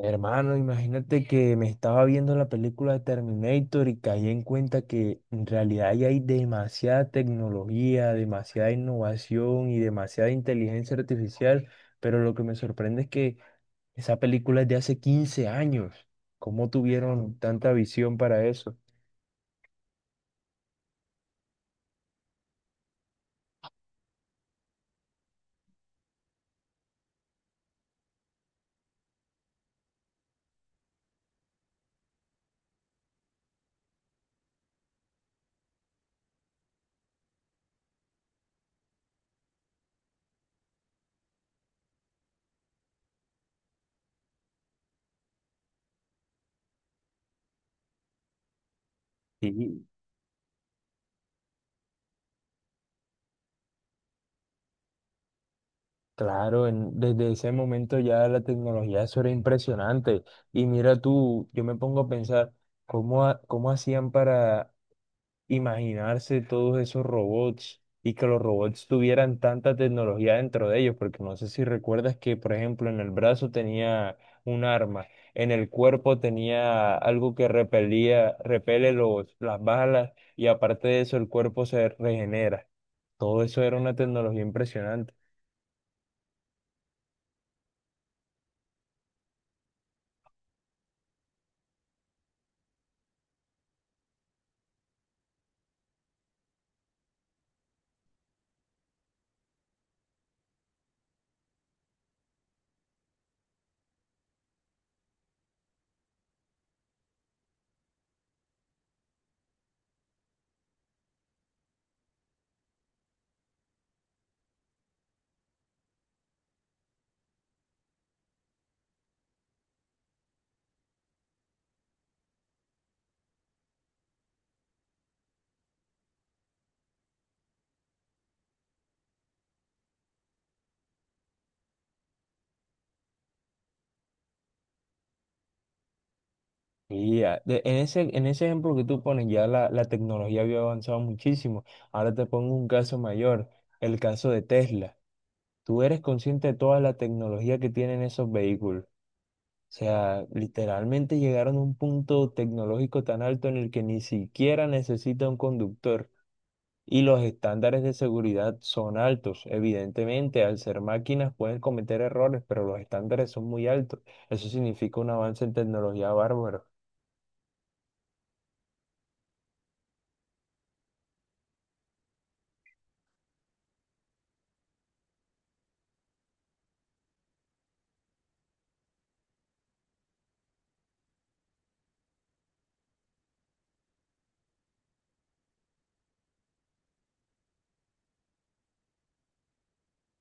Hermano, imagínate que me estaba viendo la película de Terminator y caí en cuenta que en realidad ya hay demasiada tecnología, demasiada innovación y demasiada inteligencia artificial, pero lo que me sorprende es que esa película es de hace 15 años. ¿Cómo tuvieron tanta visión para eso? Sí. Claro, desde ese momento ya la tecnología eso era impresionante. Y mira tú, yo me pongo a pensar cómo, cómo hacían para imaginarse todos esos robots y que los robots tuvieran tanta tecnología dentro de ellos, porque no sé si recuerdas que, por ejemplo, en el brazo tenía un arma, en el cuerpo tenía algo que repelía, repele las balas y aparte de eso el cuerpo se regenera. Todo eso era una tecnología impresionante. En ese ejemplo que tú pones, ya la tecnología había avanzado muchísimo. Ahora te pongo un caso mayor, el caso de Tesla. Tú eres consciente de toda la tecnología que tienen esos vehículos. O sea, literalmente llegaron a un punto tecnológico tan alto en el que ni siquiera necesita un conductor. Y los estándares de seguridad son altos. Evidentemente, al ser máquinas pueden cometer errores, pero los estándares son muy altos. Eso significa un avance en tecnología bárbaro.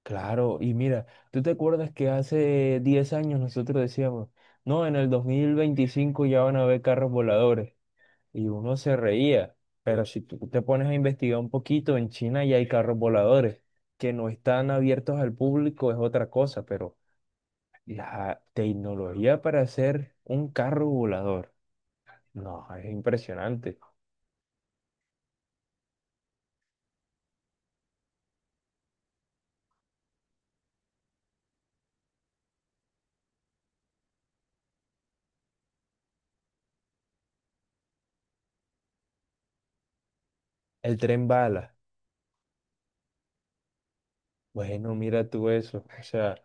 Claro, y mira, ¿tú te acuerdas que hace 10 años nosotros decíamos, no, en el 2025 ya van a haber carros voladores? Y uno se reía. Pero si tú te pones a investigar un poquito, en China ya hay carros voladores que no están abiertos al público, es otra cosa, pero la tecnología para hacer un carro volador, no, es impresionante. El tren bala, bueno, mira tú eso, o sea,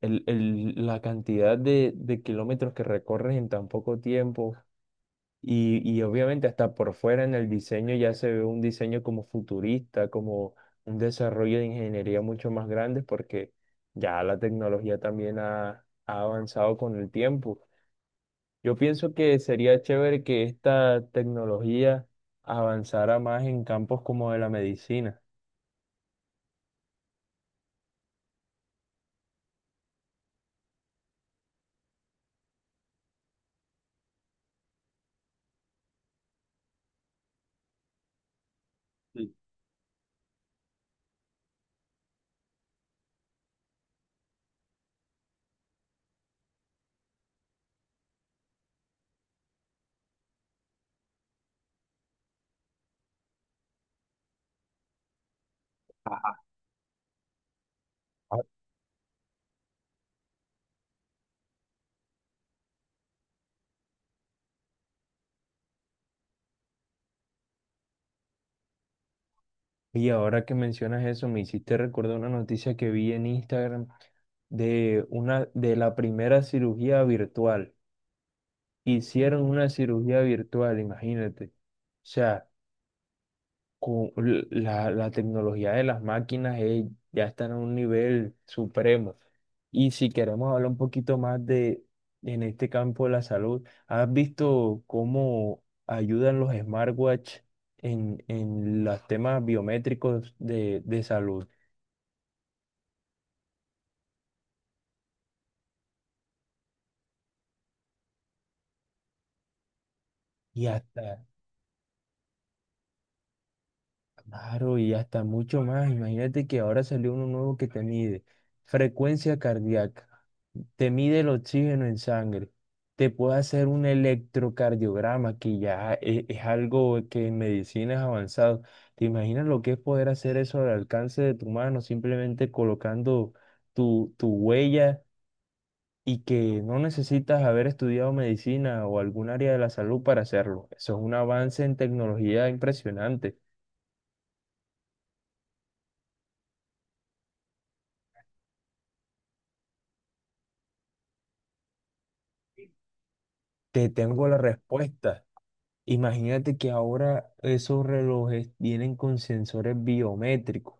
la cantidad de kilómetros que recorres en tan poco tiempo. Y obviamente hasta por fuera en el diseño ya se ve un diseño como futurista, como un desarrollo de ingeniería mucho más grande porque ya la tecnología también ha, ha avanzado con el tiempo. Yo pienso que sería chévere que esta tecnología avanzara más en campos como de la medicina. Ah, Y ahora que mencionas eso, me hiciste recordar una noticia que vi en Instagram de una de la primera cirugía virtual. Hicieron una cirugía virtual, imagínate. O sea, con la tecnología de las máquinas ya está en un nivel supremo. Y si queremos hablar un poquito más de, en este campo de la salud, ¿has visto cómo ayudan los smartwatch en los temas biométricos de salud? Y hasta Claro, y hasta mucho más. Imagínate que ahora salió uno nuevo que te mide frecuencia cardíaca, te mide el oxígeno en sangre, te puede hacer un electrocardiograma, que ya es algo que en medicina es avanzado. ¿Te imaginas lo que es poder hacer eso al alcance de tu mano, simplemente colocando tu huella y que no necesitas haber estudiado medicina o algún área de la salud para hacerlo? Eso es un avance en tecnología impresionante. Te tengo la respuesta. Imagínate que ahora esos relojes vienen con sensores biométricos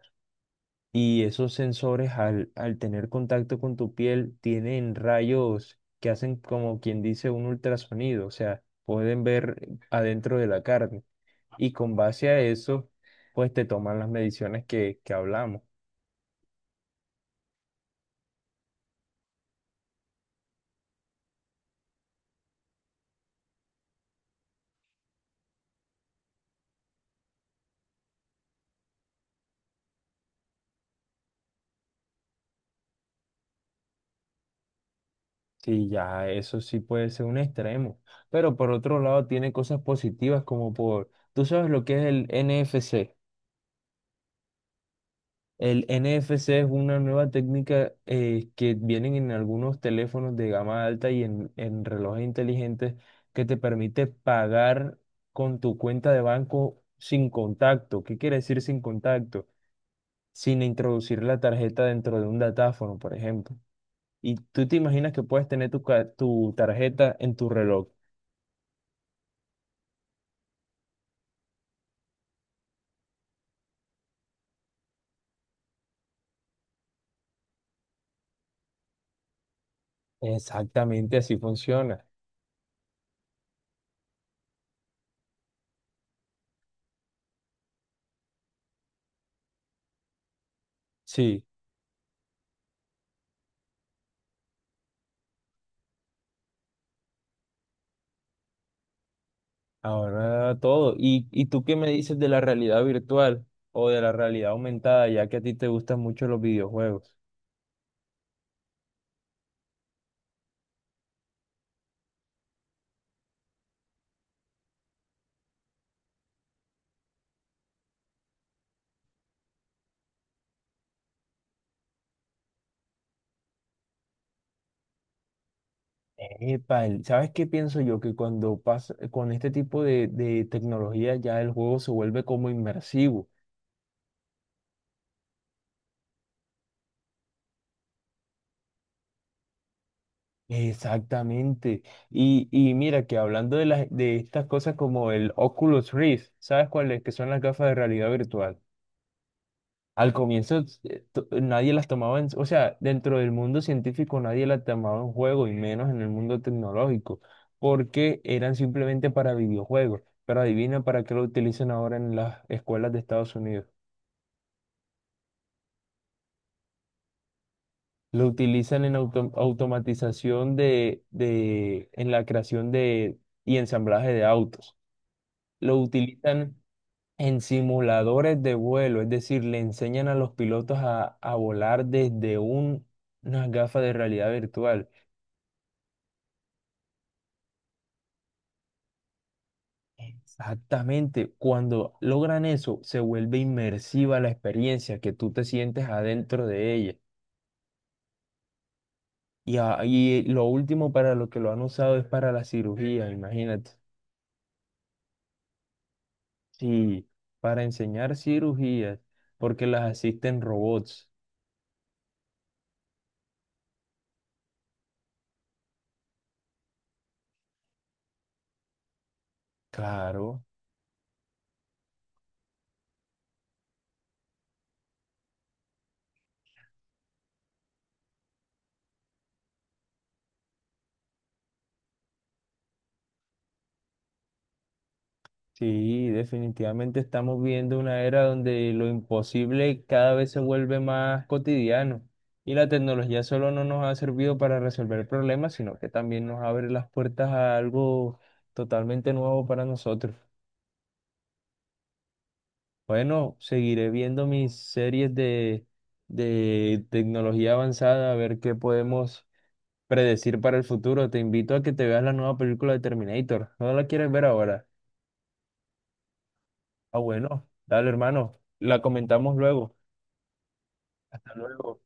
y esos sensores al tener contacto con tu piel tienen rayos que hacen como quien dice un ultrasonido, o sea, pueden ver adentro de la carne y con base a eso, pues te toman las mediciones que hablamos. Sí, ya eso sí puede ser un extremo, pero por otro lado tiene cosas positivas como por, tú sabes lo que es el NFC. El NFC es una nueva técnica que vienen en algunos teléfonos de gama alta y en relojes inteligentes que te permite pagar con tu cuenta de banco sin contacto. ¿Qué quiere decir sin contacto? Sin introducir la tarjeta dentro de un datáfono, por ejemplo. Y tú te imaginas que puedes tener tu, tu tarjeta en tu reloj. Exactamente así funciona. Sí. Ahora todo. Y tú qué me dices de la realidad virtual o de la realidad aumentada, ya que a ti te gustan mucho los videojuegos? Epa, el- ¿sabes qué pienso yo? Que cuando pasa con este tipo de tecnología ya el juego se vuelve como inmersivo. Exactamente. Y mira que hablando de las de estas cosas como el Oculus Rift, ¿sabes cuáles que son las gafas de realidad virtual? Al comienzo nadie las tomaba en, o sea, dentro del mundo científico nadie las tomaba en juego y menos en el mundo tecnológico, porque eran simplemente para videojuegos. Pero adivina para qué lo utilizan ahora en las escuelas de Estados Unidos. Lo utilizan en automatización de, en la creación de y ensamblaje de autos. Lo utilizan en simuladores de vuelo, es decir, le enseñan a los pilotos a volar desde unas gafas de realidad virtual. Exactamente, cuando logran eso, se vuelve inmersiva la experiencia, que tú te sientes adentro de ella. Y, y lo último para lo que lo han usado es para la cirugía, imagínate. Sí, para enseñar cirugías, porque las asisten robots. Claro. Sí, definitivamente estamos viendo una era donde lo imposible cada vez se vuelve más cotidiano y la tecnología solo no nos ha servido para resolver problemas, sino que también nos abre las puertas a algo totalmente nuevo para nosotros. Bueno, seguiré viendo mis series de tecnología avanzada a ver qué podemos predecir para el futuro. Te invito a que te veas la nueva película de Terminator. ¿No la quieres ver ahora? Ah, bueno, dale hermano, la comentamos luego. Hasta luego.